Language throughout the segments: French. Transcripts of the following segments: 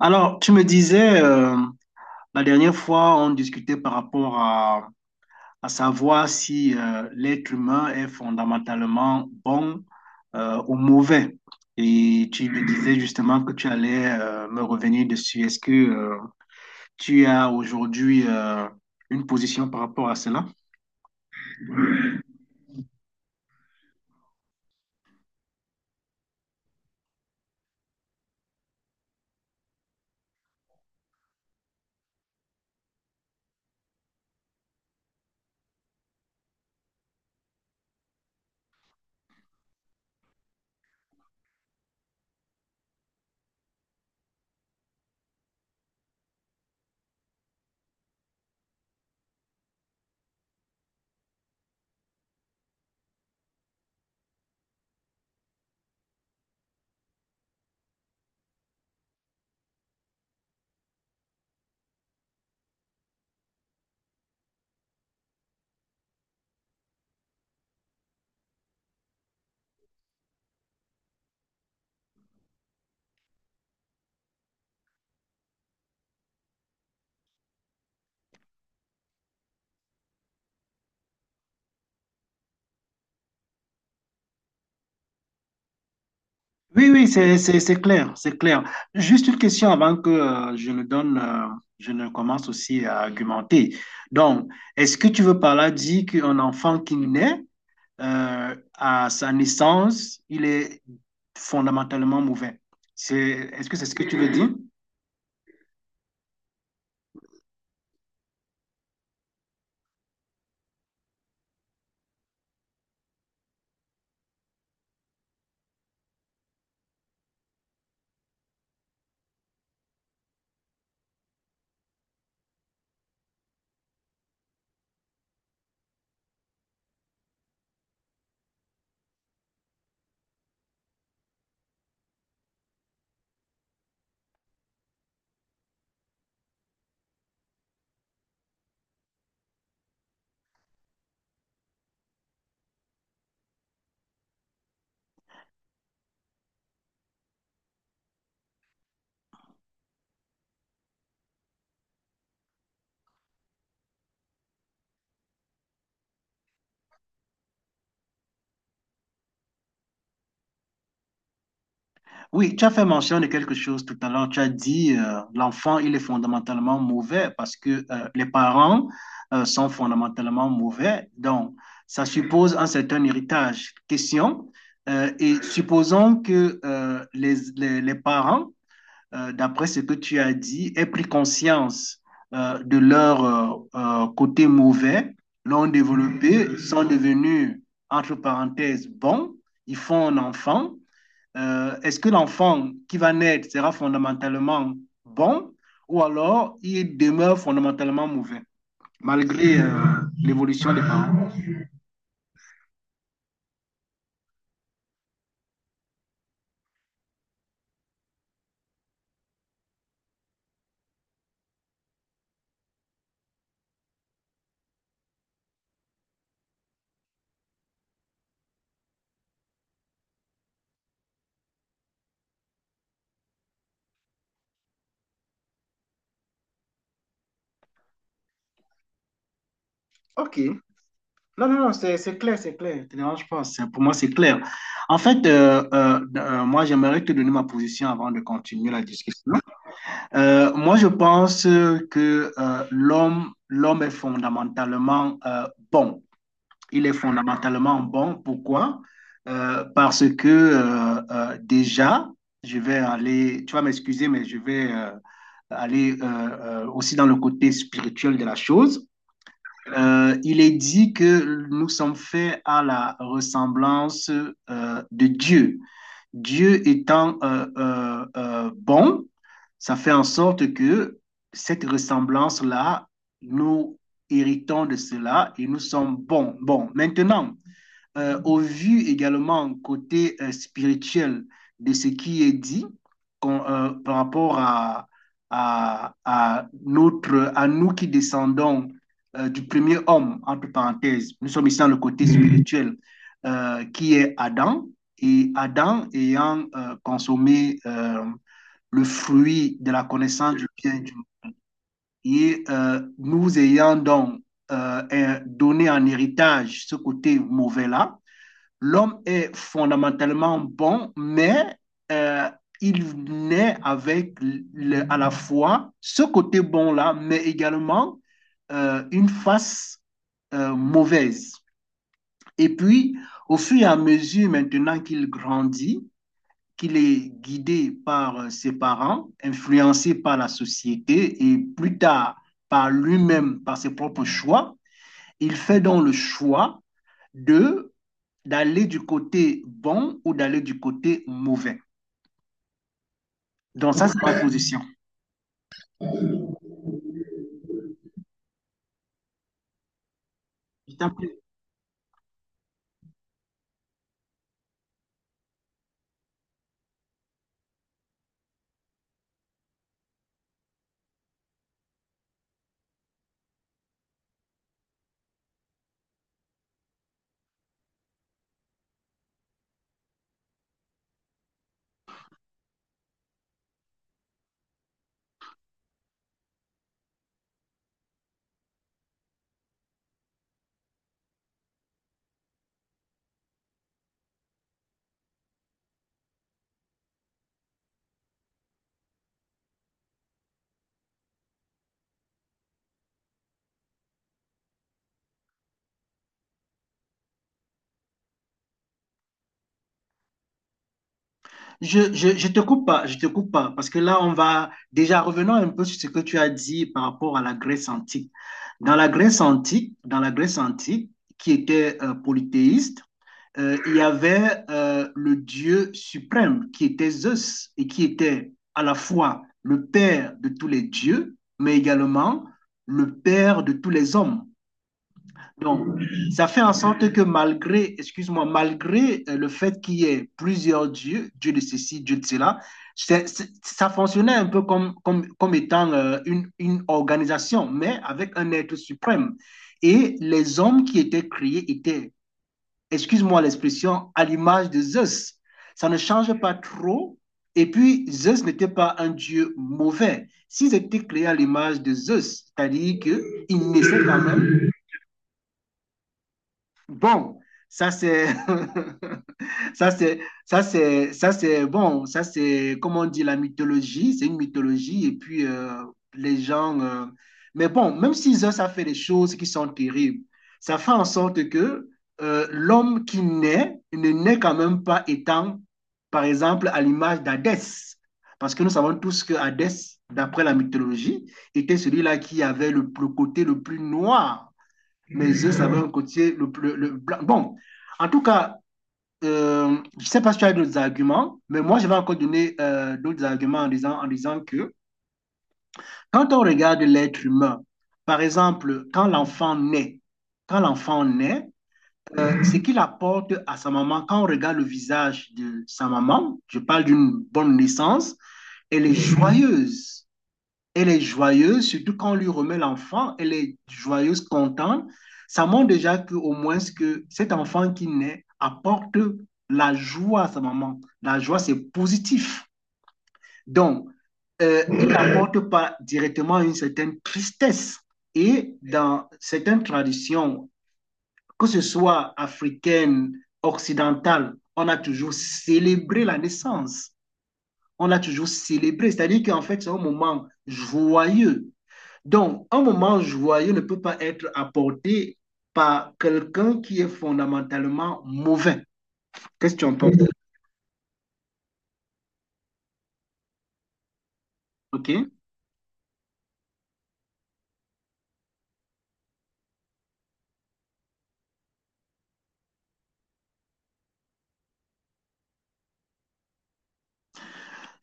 Alors, tu me disais, la dernière fois, on discutait par rapport à savoir si l'être humain est fondamentalement bon ou mauvais. Et tu me disais justement que tu allais me revenir dessus. Est-ce que tu as aujourd'hui une position par rapport à cela? Oui, oui, c'est clair, c'est clair. Juste une question avant que je ne donne, je ne commence aussi à argumenter. Donc, est-ce que tu veux par là dire qu'un enfant qui naît, à sa naissance, il est fondamentalement mauvais? C'est, est-ce que c'est ce que tu veux dire? Oui, tu as fait mention de quelque chose tout à l'heure. Tu as dit l'enfant, il est fondamentalement mauvais parce que les parents sont fondamentalement mauvais. Donc, ça suppose un certain héritage. Question. Et supposons que les parents, d'après ce que tu as dit, aient pris conscience de leur côté mauvais, l'ont développé, sont devenus, entre parenthèses, bons, ils font un enfant. Est-ce que l'enfant qui va naître sera fondamentalement bon ou alors il demeure fondamentalement mauvais, malgré l'évolution des parents? Ok. Non, non, non, c'est clair, c'est clair. Ne te dérange pas. Pour moi, c'est clair. En fait, moi, j'aimerais te donner ma position avant de continuer la discussion. Moi, je pense que l'homme est fondamentalement bon. Il est fondamentalement bon. Pourquoi? Parce que déjà, je vais aller, tu vas m'excuser, mais je vais aller aussi dans le côté spirituel de la chose. Il est dit que nous sommes faits à la ressemblance de Dieu. Dieu étant bon, ça fait en sorte que cette ressemblance-là, nous héritons de cela et nous sommes bons. Bon, maintenant, au vu également côté spirituel de ce qui est dit par rapport à nous qui descendons du premier homme, entre parenthèses, nous sommes ici dans le côté spirituel qui est Adam, et Adam ayant consommé le fruit de la connaissance du bien et du mal, et nous ayant donc euh, donné en héritage ce côté mauvais-là, l'homme est fondamentalement bon, mais euh, il naît avec à la fois ce côté bon-là, mais également une face mauvaise. Et puis, au fur et à mesure maintenant qu'il grandit, qu'il est guidé par ses parents, influencé par la société et plus tard par lui-même, par ses propres choix, il fait donc le choix de d'aller du côté bon ou d'aller du côté mauvais. Donc ça, c'est ma position. Je te coupe pas, je te coupe pas, parce que là, on va déjà revenons un peu sur ce que tu as dit par rapport à la Grèce antique. Dans la Grèce antique, qui était polythéiste, il y avait le dieu suprême qui était Zeus et qui était à la fois le père de tous les dieux, mais également le père de tous les hommes. Donc, ça fait en sorte que malgré, excuse-moi, malgré le fait qu'il y ait plusieurs dieux, Dieu de ceci, Dieu de cela, ça fonctionnait un peu comme étant une organisation, mais avec un être suprême. Et les hommes qui étaient créés étaient, excuse-moi l'expression, à l'image de Zeus. Ça ne change pas trop. Et puis, Zeus n'était pas un dieu mauvais. S'ils étaient créés à l'image de Zeus, c'est-à-dire qu'ils naissaient quand même. Bon, ça c'est ça c'est ça c'est ça c'est bon, ça c'est comment on dit la mythologie, c'est une mythologie et puis les gens mais bon, même s'ils ont ça fait des choses qui sont terribles, ça fait en sorte que l'homme qui naît ne naît quand même pas étant par exemple à l'image d'Hadès parce que nous savons tous que Hadès d'après la mythologie était celui-là qui avait le côté le plus noir, mais eux, ça avait un côté. Bon, en tout cas, je ne sais pas si tu as d'autres arguments, mais moi, je vais encore donner d'autres arguments en disant que quand on regarde l'être humain, par exemple, quand l'enfant naît, ce qu'il apporte à sa maman, quand on regarde le visage de sa maman, je parle d'une bonne naissance, elle est joyeuse. Elle est joyeuse, surtout quand on lui remet l'enfant, elle est joyeuse, contente. Ça montre déjà que, au moins que cet enfant qui naît apporte la joie à sa maman. La joie, c'est positif. Donc, il n'apporte pas directement une certaine tristesse. Et dans certaines traditions, que ce soit africaine, occidentale, on a toujours célébré la naissance. On a toujours célébré. C'est-à-dire qu'en fait, c'est un moment joyeux. Donc, un moment joyeux ne peut pas être apporté par quelqu'un qui est fondamentalement mauvais. Qu'est-ce que tu en penses? OK?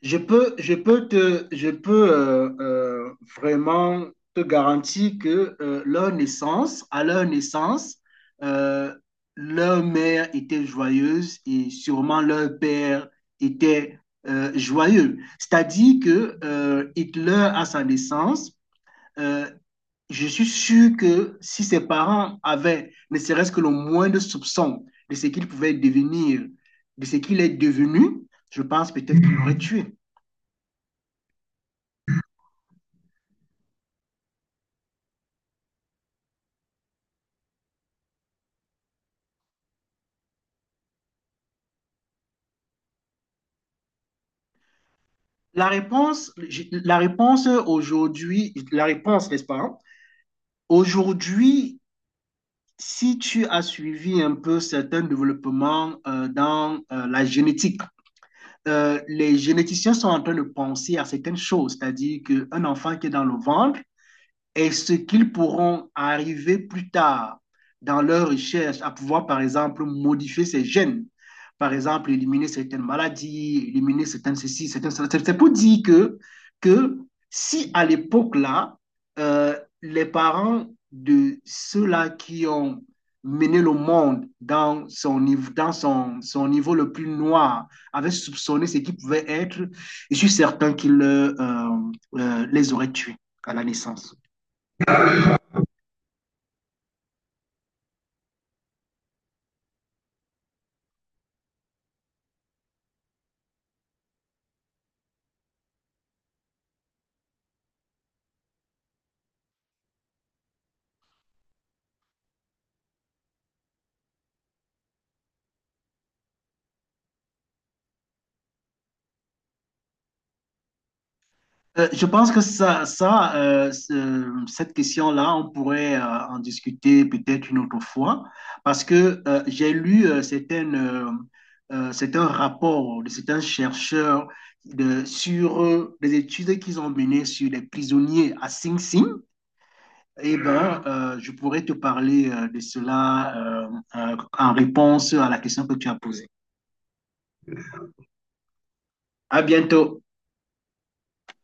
Je peux vraiment te garantir que à leur naissance, euh, leur mère était joyeuse et sûrement leur père était joyeux. C'est-à-dire que Hitler, à sa naissance, euh, je suis sûr que si ses parents avaient ne serait-ce que le moindre soupçon de ce qu'il pouvait devenir, de ce qu'il est devenu, je pense peut-être qu'il l'aurait tué. La réponse, la réponse aujourd'hui, la réponse, n'est-ce pas? Hein, aujourd'hui, si tu as suivi un peu certains développements dans la génétique, les généticiens sont en train de penser à certaines choses, c'est-à-dire qu'un enfant qui est dans le ventre, et ce qu'ils pourront arriver plus tard dans leur recherche à pouvoir, par exemple, modifier ces gènes. Par exemple, éliminer certaines maladies, éliminer certaines ceci, certaines cela. C'est pour dire que, que si à l'époque-là, euh, les parents de ceux-là qui ont mené le monde dans son niveau, son niveau le plus noir, avaient soupçonné ce qui pouvait être, je suis certain qu'ils les auraient tués à la naissance. Je pense que cette question-là, on pourrait en discuter peut-être une autre fois, parce que j'ai lu, c'est un de certains chercheurs sur les études qu'ils ont menées sur les prisonniers à Sing Sing. Eh ben, je pourrais te parler de cela en réponse à la question que tu as posée. À bientôt.